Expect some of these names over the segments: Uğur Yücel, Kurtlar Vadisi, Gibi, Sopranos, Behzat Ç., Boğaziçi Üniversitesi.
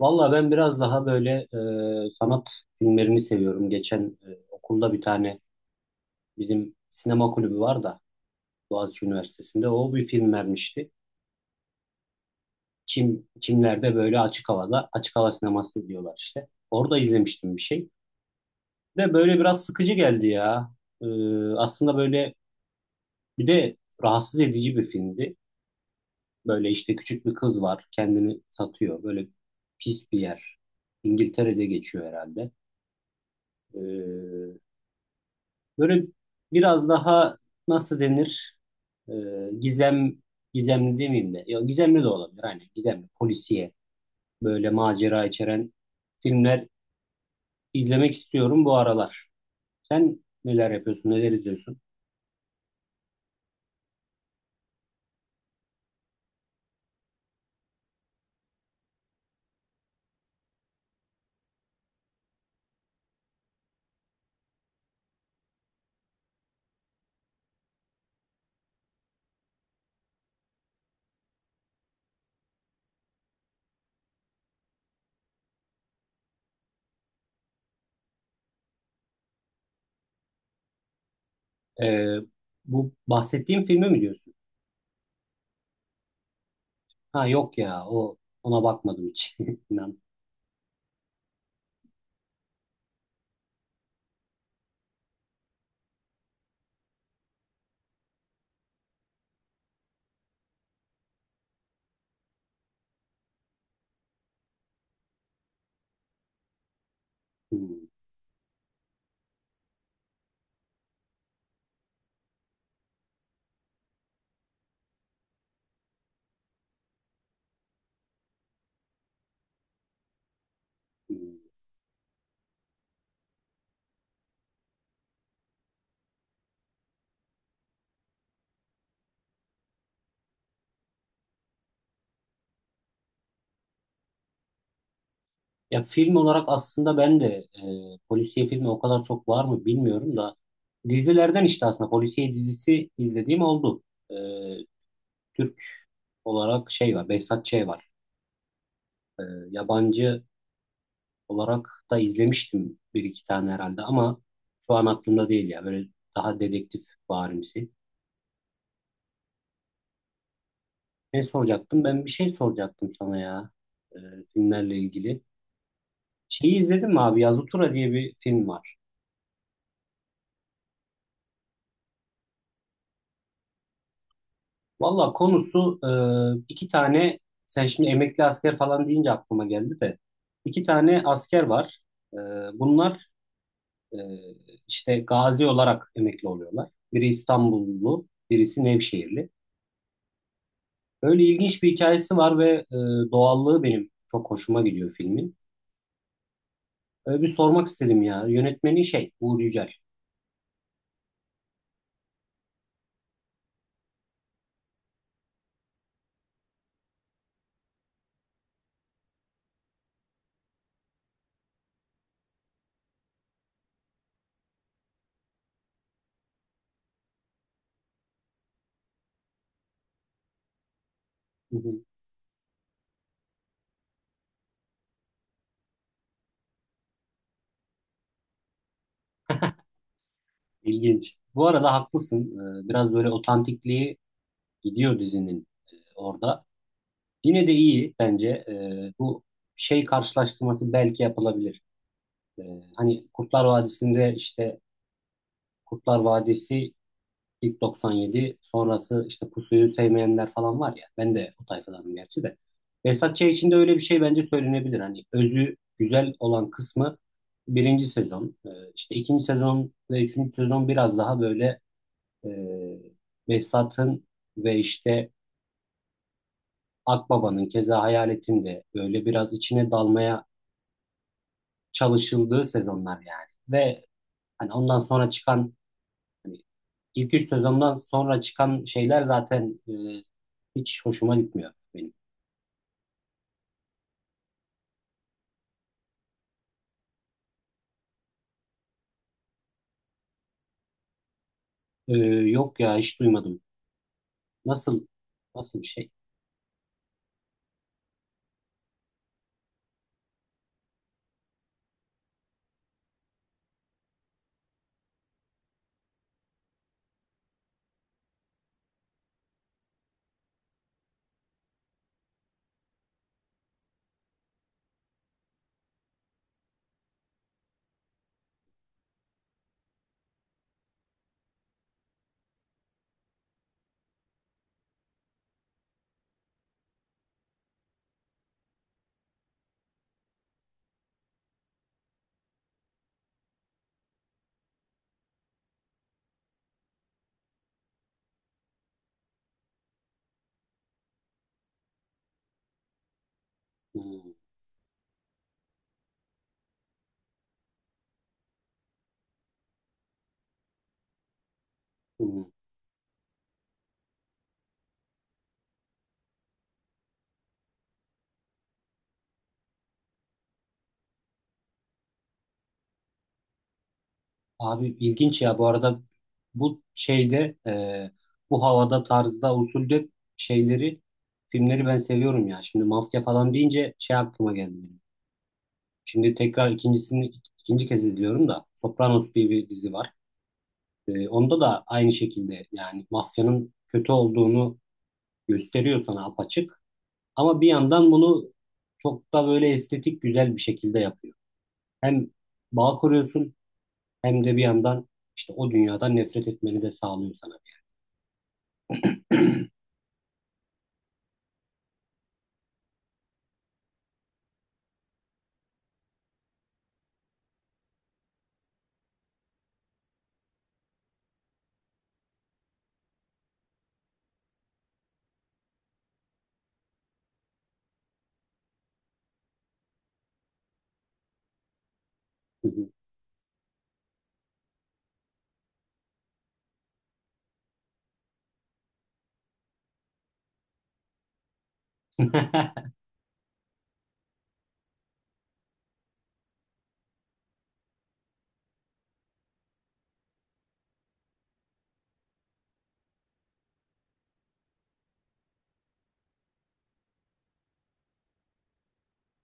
Valla ben biraz daha böyle sanat filmlerini seviyorum. Geçen okulda bir tane bizim sinema kulübü var da Boğaziçi Üniversitesi'nde o bir film vermişti. Çimler'de böyle açık havada açık hava sineması diyorlar işte. Orada izlemiştim bir şey. Ve böyle biraz sıkıcı geldi ya. E, aslında böyle bir de rahatsız edici bir filmdi. Böyle işte küçük bir kız var kendini satıyor. Böyle pis bir yer. İngiltere'de geçiyor herhalde. E, Böyle biraz daha nasıl denir? Ee, gizem gizemli demeyeyim de. Ya gizemli de olabilir hani gizemli polisiye böyle macera içeren filmler izlemek istiyorum bu aralar. Sen neler yapıyorsun? Neler izliyorsun? Ee, bu bahsettiğim filmi mi diyorsun? Ha yok ya ona bakmadım hiç. İnan. Hmm, hmm. Ya film olarak aslında ben de polisiye filmi o kadar çok var mı bilmiyorum da dizilerden işte aslında polisiye dizisi izlediğim oldu. E, Türk olarak şey var, Behzat Ç. var. E, yabancı olarak da izlemiştim bir iki tane herhalde ama şu an aklımda değil ya. Böyle daha dedektif varimsi. Ne soracaktım? Ben bir şey soracaktım sana ya e, filmlerle ilgili. Şeyi izledin mi abi? Yazutura diye bir film var. Valla konusu e, iki tane sen şimdi emekli asker falan deyince aklıma geldi de iki tane asker var. E, bunlar e, işte gazi olarak emekli oluyorlar. Biri İstanbullu, birisi Nevşehirli. Öyle ilginç bir hikayesi var ve doğallığı benim çok hoşuma gidiyor filmin. Öyle bir sormak istedim ya. Yönetmeni şey Uğur Yücel. Hı hı, İlginç. Bu arada haklısın. Biraz böyle otantikliği gidiyor dizinin orada. Yine de iyi bence. Bu şey karşılaştırması belki yapılabilir. Ee, hani Kurtlar Vadisi ilk 97 sonrası işte Pusuyu sevmeyenler falan var ya. Ben de o tayfadanım gerçi de. Behzat Ç. için de öyle bir şey bence söylenebilir. Hani özü güzel olan kısmı birinci sezon. İşte ikinci sezon ve üçüncü sezon biraz daha böyle e, Behzat'ın ve işte Akbaba'nın keza Hayalet'in de böyle biraz içine dalmaya çalışıldığı sezonlar yani. Ve hani ondan sonra çıkan hani ilk üç sezondan sonra çıkan şeyler zaten hiç hoşuma gitmiyor benim. E, yok ya hiç duymadım. Nasıl nasıl bir şey? Hmm, hmm. Abi ilginç ya bu arada bu şeyde bu havada tarzda usulde şeyleri filmleri ben seviyorum ya. Şimdi mafya falan deyince şey aklıma geldi benim. Şimdi tekrar ikincisini ikinci kez izliyorum da Sopranos diye bir dizi var. Onda da aynı şekilde yani mafyanın kötü olduğunu gösteriyor sana apaçık. Ama bir yandan bunu çok da böyle estetik güzel bir şekilde yapıyor. Hem bağ kuruyorsun hem de bir yandan işte o dünyadan nefret etmeni de sağlıyor sana.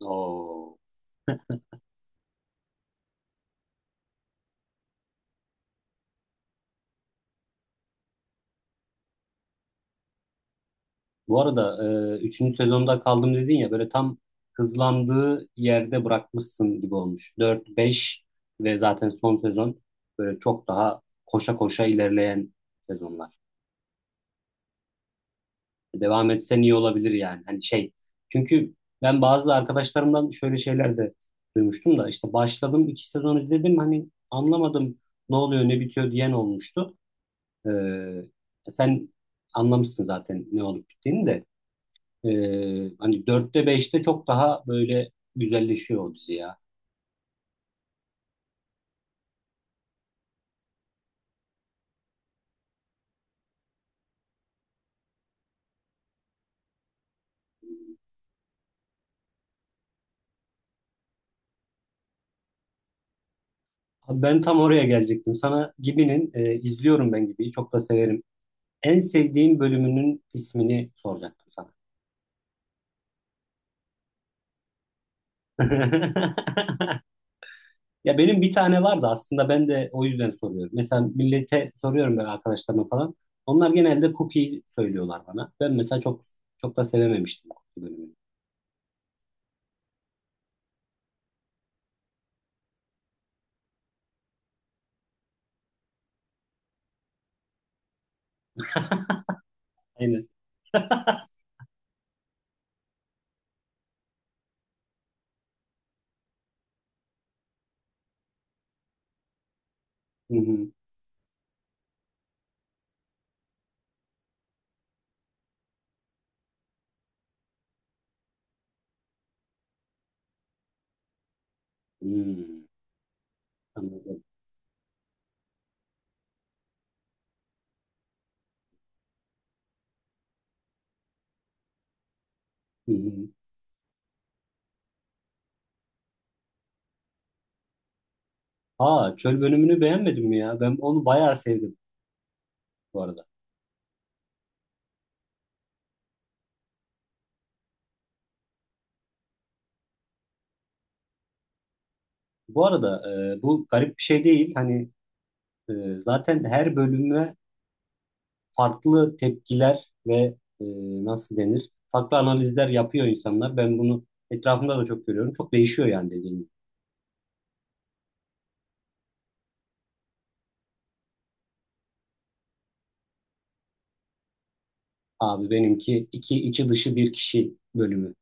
Oo. Bu arada üçüncü sezonda kaldım dedin ya böyle tam hızlandığı yerde bırakmışsın gibi olmuş. 4 5 ve zaten son sezon böyle çok daha koşa koşa ilerleyen sezonlar. Devam etsen iyi olabilir yani. Hani şey. Çünkü ben bazı arkadaşlarımdan şöyle şeyler de duymuştum da işte başladım iki sezon izledim hani anlamadım ne oluyor ne bitiyor diyen olmuştu. Ee, sen anlamışsın zaten ne olup bittiğini de. Hani dörtte beşte çok daha böyle güzelleşiyor o dizi ya. Abi ben tam oraya gelecektim. Sana izliyorum ben Gibi'yi çok da severim. En sevdiğin bölümünün ismini soracaktım sana. Ya benim bir tane vardı aslında ben de o yüzden soruyorum. Mesela millete soruyorum böyle arkadaşlarıma falan. Onlar genelde cookie söylüyorlar bana. Ben mesela çok da sevememiştim cookie bölümünü. Aynen. Hı hı. Hmm, anladım. Hı hı. Aa çöl bölümünü beğenmedin mi ya? Ben onu bayağı sevdim bu arada. Bu arada bu garip bir şey değil. Hani e, zaten her bölüme farklı tepkiler ve e, nasıl denir? Farklı analizler yapıyor insanlar. Ben bunu etrafımda da çok görüyorum. Çok değişiyor yani dediğim gibi. Abi benimki iki içi dışı bir kişi bölümü.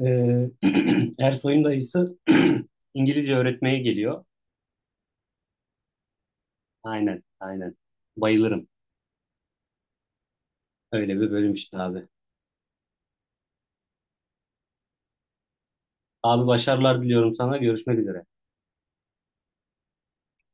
Ee, Ersoy'un dayısı İngilizce öğretmeye geliyor. Aynen, aynen. Bayılırım. Öyle bir bölüm işte abi. Abi başarılar diliyorum sana. Görüşmek üzere.